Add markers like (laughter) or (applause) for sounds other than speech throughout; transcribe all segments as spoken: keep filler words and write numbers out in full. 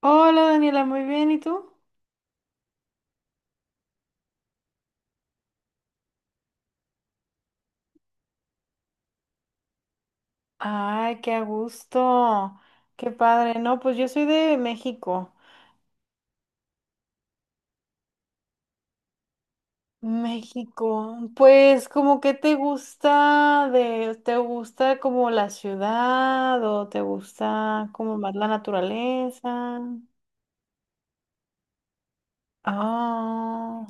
Hola Daniela, muy bien, ¿y tú? Ay, qué a gusto, qué padre. No, pues yo soy de México. México, pues como que te gusta de, te gusta como la ciudad o te gusta como más la naturaleza. Ah,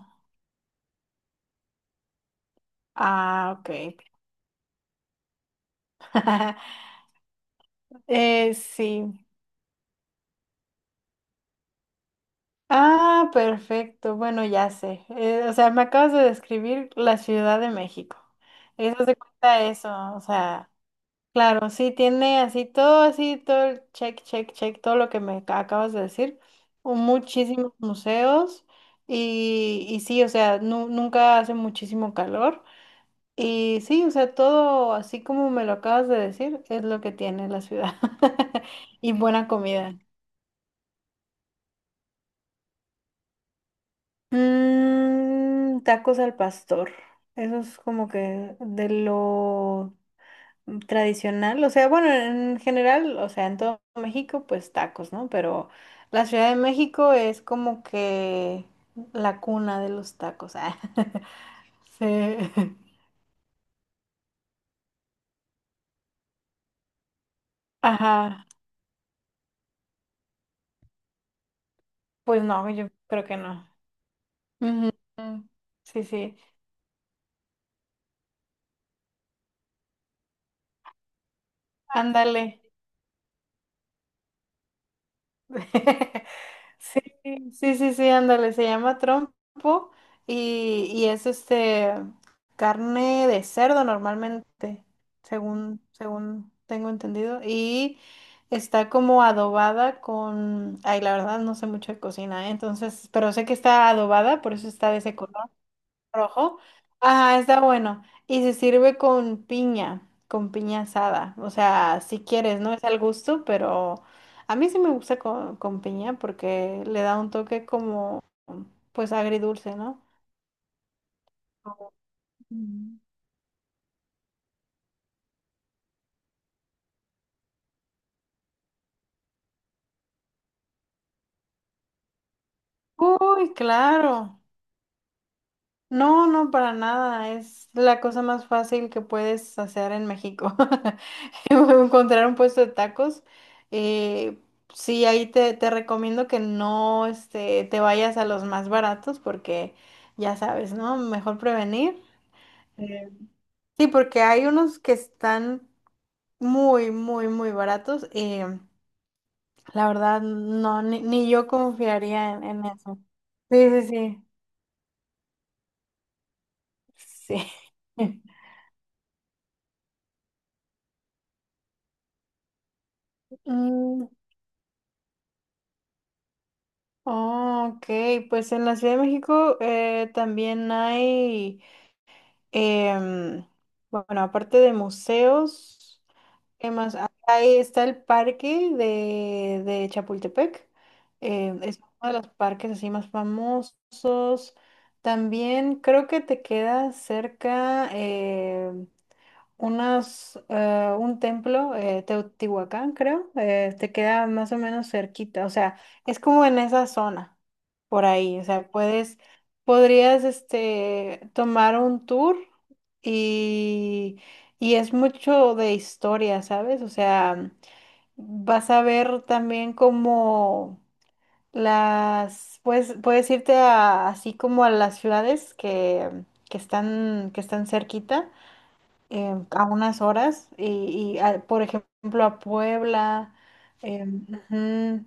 ah, ok. (laughs) Eh, sí. Ah, perfecto. Bueno, ya sé. Eh, o sea, me acabas de describir la Ciudad de México. Eso se cuenta eso. O sea, claro, sí tiene así todo, así todo el check, check, check, todo lo que me ca- acabas de decir. Un- Muchísimos museos. Y, y sí, o sea, nu- nunca hace muchísimo calor. Y sí, o sea, todo así como me lo acabas de decir, es lo que tiene la ciudad. (laughs) Y buena comida. Mm, tacos al pastor. Eso es como que de lo tradicional. O sea, bueno, en general, o sea, en todo México, pues tacos, ¿no? Pero la Ciudad de México es como que la cuna de los tacos. (laughs) ah. Sí. Ajá. Pues no, yo creo que no. Ujú. Sí, sí. Ándale. (laughs) Sí, sí, sí, sí, ándale, se llama trompo y, y es este carne de cerdo normalmente, según, según tengo entendido, y está como adobada con, ay, la verdad no sé mucho de cocina, ¿eh? Entonces, pero sé que está adobada, por eso está de ese color rojo. Ajá, está bueno. Y se sirve con piña, con piña asada. O sea, si quieres, no es al gusto, pero a mí sí me gusta con, con piña porque le da un toque como, pues agridulce, ¿no? Mm. Uy, claro. No, no, para nada. Es la cosa más fácil que puedes hacer en México. (laughs) (laughs) Encontrar un puesto de tacos. eh, sí, ahí te, te recomiendo que no este, te vayas a los más baratos porque ya sabes, ¿no? Mejor prevenir. Eh, sí, porque hay unos que están muy, muy, muy baratos y la verdad no, ni, ni yo confiaría en, en eso. Sí, sí, sí. Sí. (laughs) Mm, oh, ok, pues en la Ciudad de México eh, también hay... Em, bueno, aparte de museos, ¿qué más? Ah, ahí está el parque de, de Chapultepec. Em, es uno de los parques así más famosos. También creo que te queda cerca eh, unas, eh, un templo, eh, Teotihuacán, creo, eh, te queda más o menos cerquita, o sea, es como en esa zona, por ahí, o sea, puedes, podrías, este, tomar un tour y, y es mucho de historia, ¿sabes? O sea, vas a ver también como las, pues, puedes irte a- así como a las ciudades que, que están, que están cerquita eh, a unas horas y, y, a- por ejemplo a Puebla. em, ujú,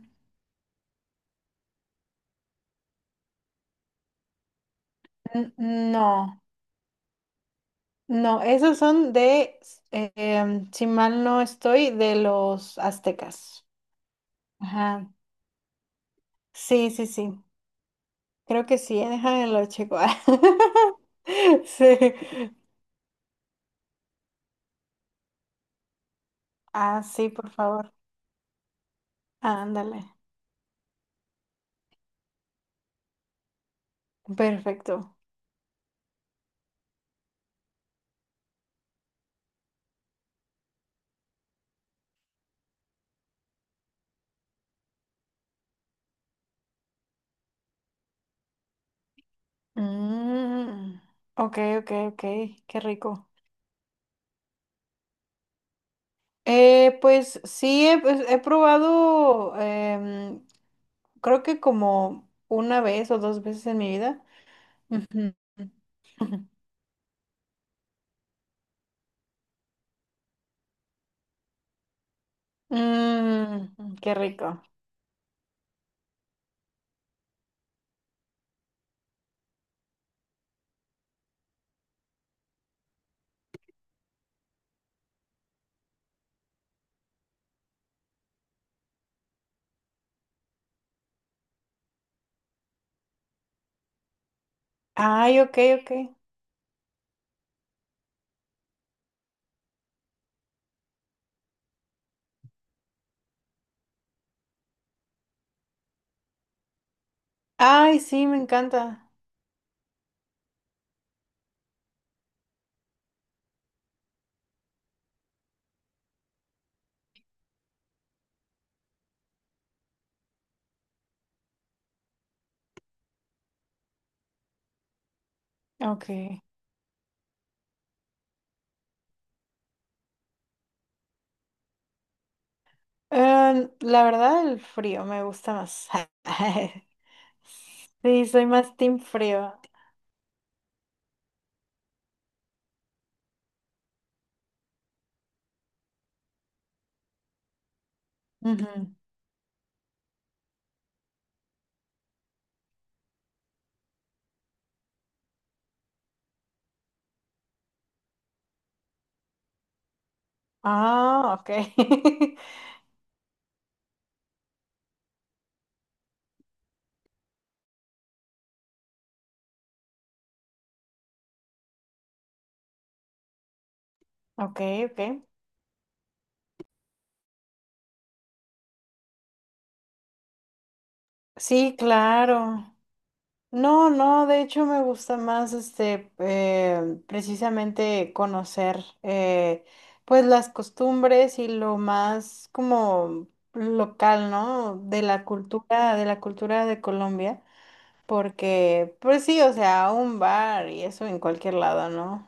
n- no, no, esos son de, eh, em, si mal no estoy, de los aztecas. Ajá. Sí, sí, sí. Creo que sí, eh, déjame lo checo. (laughs) Sí. Ah, sí, por favor. Ándale. Perfecto. Mm, ok, ok, ok. Qué rico. Eh, pues sí, he, pues, he probado, em, creo que como una vez o dos veces en mi vida. Ujú. Ujú. Mm, qué rico. Ay, ok, ok. Ay, sí, me encanta. Ok. Em, la verdad, el frío me gusta más. (laughs) Sí, soy más team frío. Ujú. Ah, ok. (laughs) Ok, ok. Sí, claro. No, no, de hecho me gusta más este eh, precisamente conocer eh, pues las costumbres y lo más como local, ¿no? De la cultura, de la cultura de Colombia, porque pues sí, o sea, un bar y eso en cualquier lado, ¿no?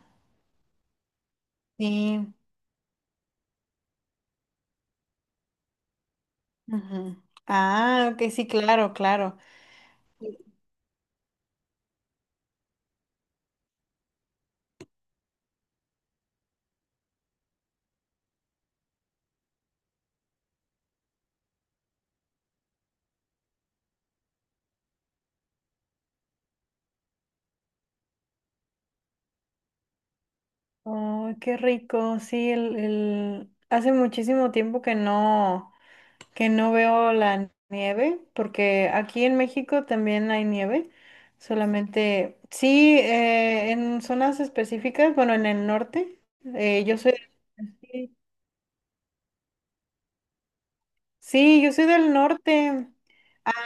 Sí. Ujú. Ah, ok, sí, claro, claro. Oh, qué rico, sí, el, el... hace muchísimo tiempo que no. Que no veo la nieve, porque aquí en México también hay nieve, solamente sí, eh, en zonas específicas, bueno, en el norte, eh, yo soy, sí, sí, yo soy del norte.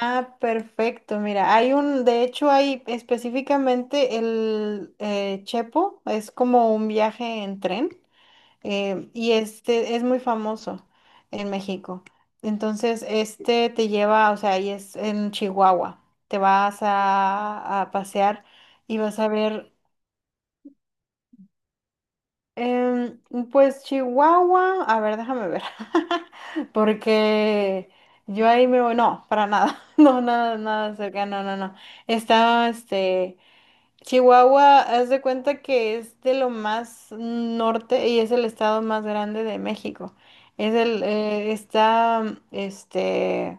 Ah, perfecto, mira, hay un, de hecho hay específicamente el eh, Chepo, es como un viaje en tren. Eh, y este es muy famoso en México. Entonces, este te lleva, o sea, y es en Chihuahua. Te vas a, a pasear y vas a ver, em, pues Chihuahua, a ver, déjame ver, (laughs) porque yo ahí me voy, no, para nada, (laughs) no, nada, nada cerca, no, no, no. Está, este... Chihuahua, haz de cuenta que es de lo más norte y es el estado más grande de México. Es el, eh, está, este,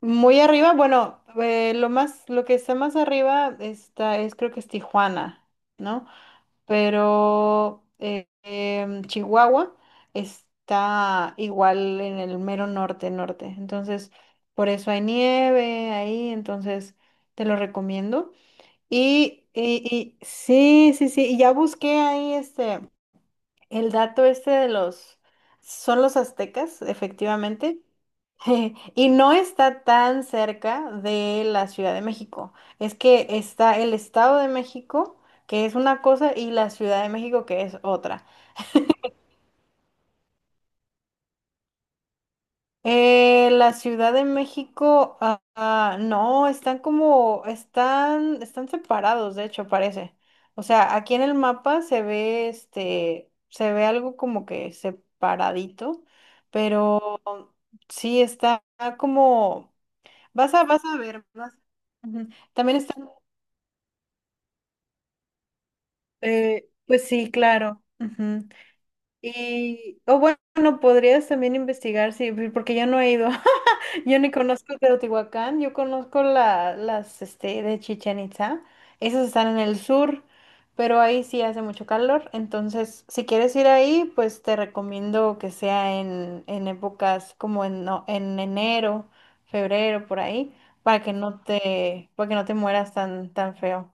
muy arriba. Bueno, eh, lo más, lo que está más arriba está, es creo que es Tijuana, ¿no? Pero eh, em, Chihuahua está igual en el mero norte, norte. Entonces, por eso hay nieve ahí. Entonces, te lo recomiendo. Y, y, y sí, sí, sí, y ya busqué ahí este, el dato este de los, son los aztecas, efectivamente, (laughs) y no está tan cerca de la Ciudad de México, es que está el Estado de México, que es una cosa, y la Ciudad de México, que es otra. Eh, la Ciudad de México, ah, ah, no, están como, están, están separados, de hecho, parece. O sea, aquí en el mapa se ve, este, se ve algo como que separadito, pero sí está como, vas a, vas a ver, vas- ujú. También está, eh, pues sí, claro. Ujú. Y, o bueno, podrías también investigar, sí, porque yo no he ido, (laughs) yo ni conozco Teotihuacán, yo conozco la, las, este, de Chichén Itzá, esas están en el sur, pero ahí sí hace mucho calor, entonces si quieres ir ahí, pues te recomiendo que sea en, en épocas como en, no- en enero, febrero, por ahí, para que no te, para que no te mueras tan, tan feo.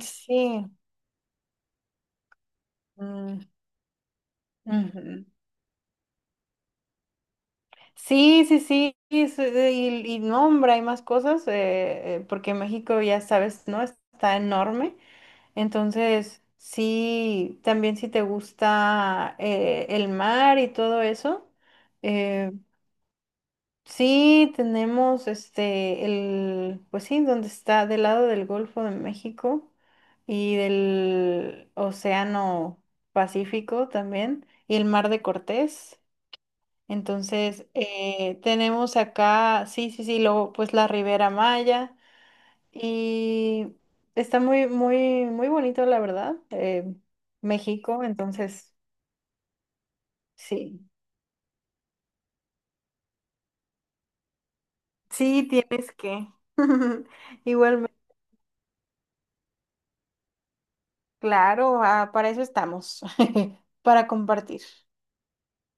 Sí. Mm, ujú. Sí, sí, sí, y, se- y- y no, hombre, hay más cosas, eh, eh, porque México, ya sabes, ¿no? Está enorme. Entonces, sí, también si te gusta eh, el mar y todo eso, eh, sí, tenemos este, el, pues sí, donde está del lado del Golfo de México y del Océano Pacífico también, y el Mar de Cortés. Entonces, eh, tenemos acá, sí, sí, sí, luego pues la Ribera Maya y está muy, muy, muy bonito, la verdad, eh, México, entonces, sí, sí, tienes que. (laughs) Igualmente, claro, ah, para eso estamos, (laughs) para compartir.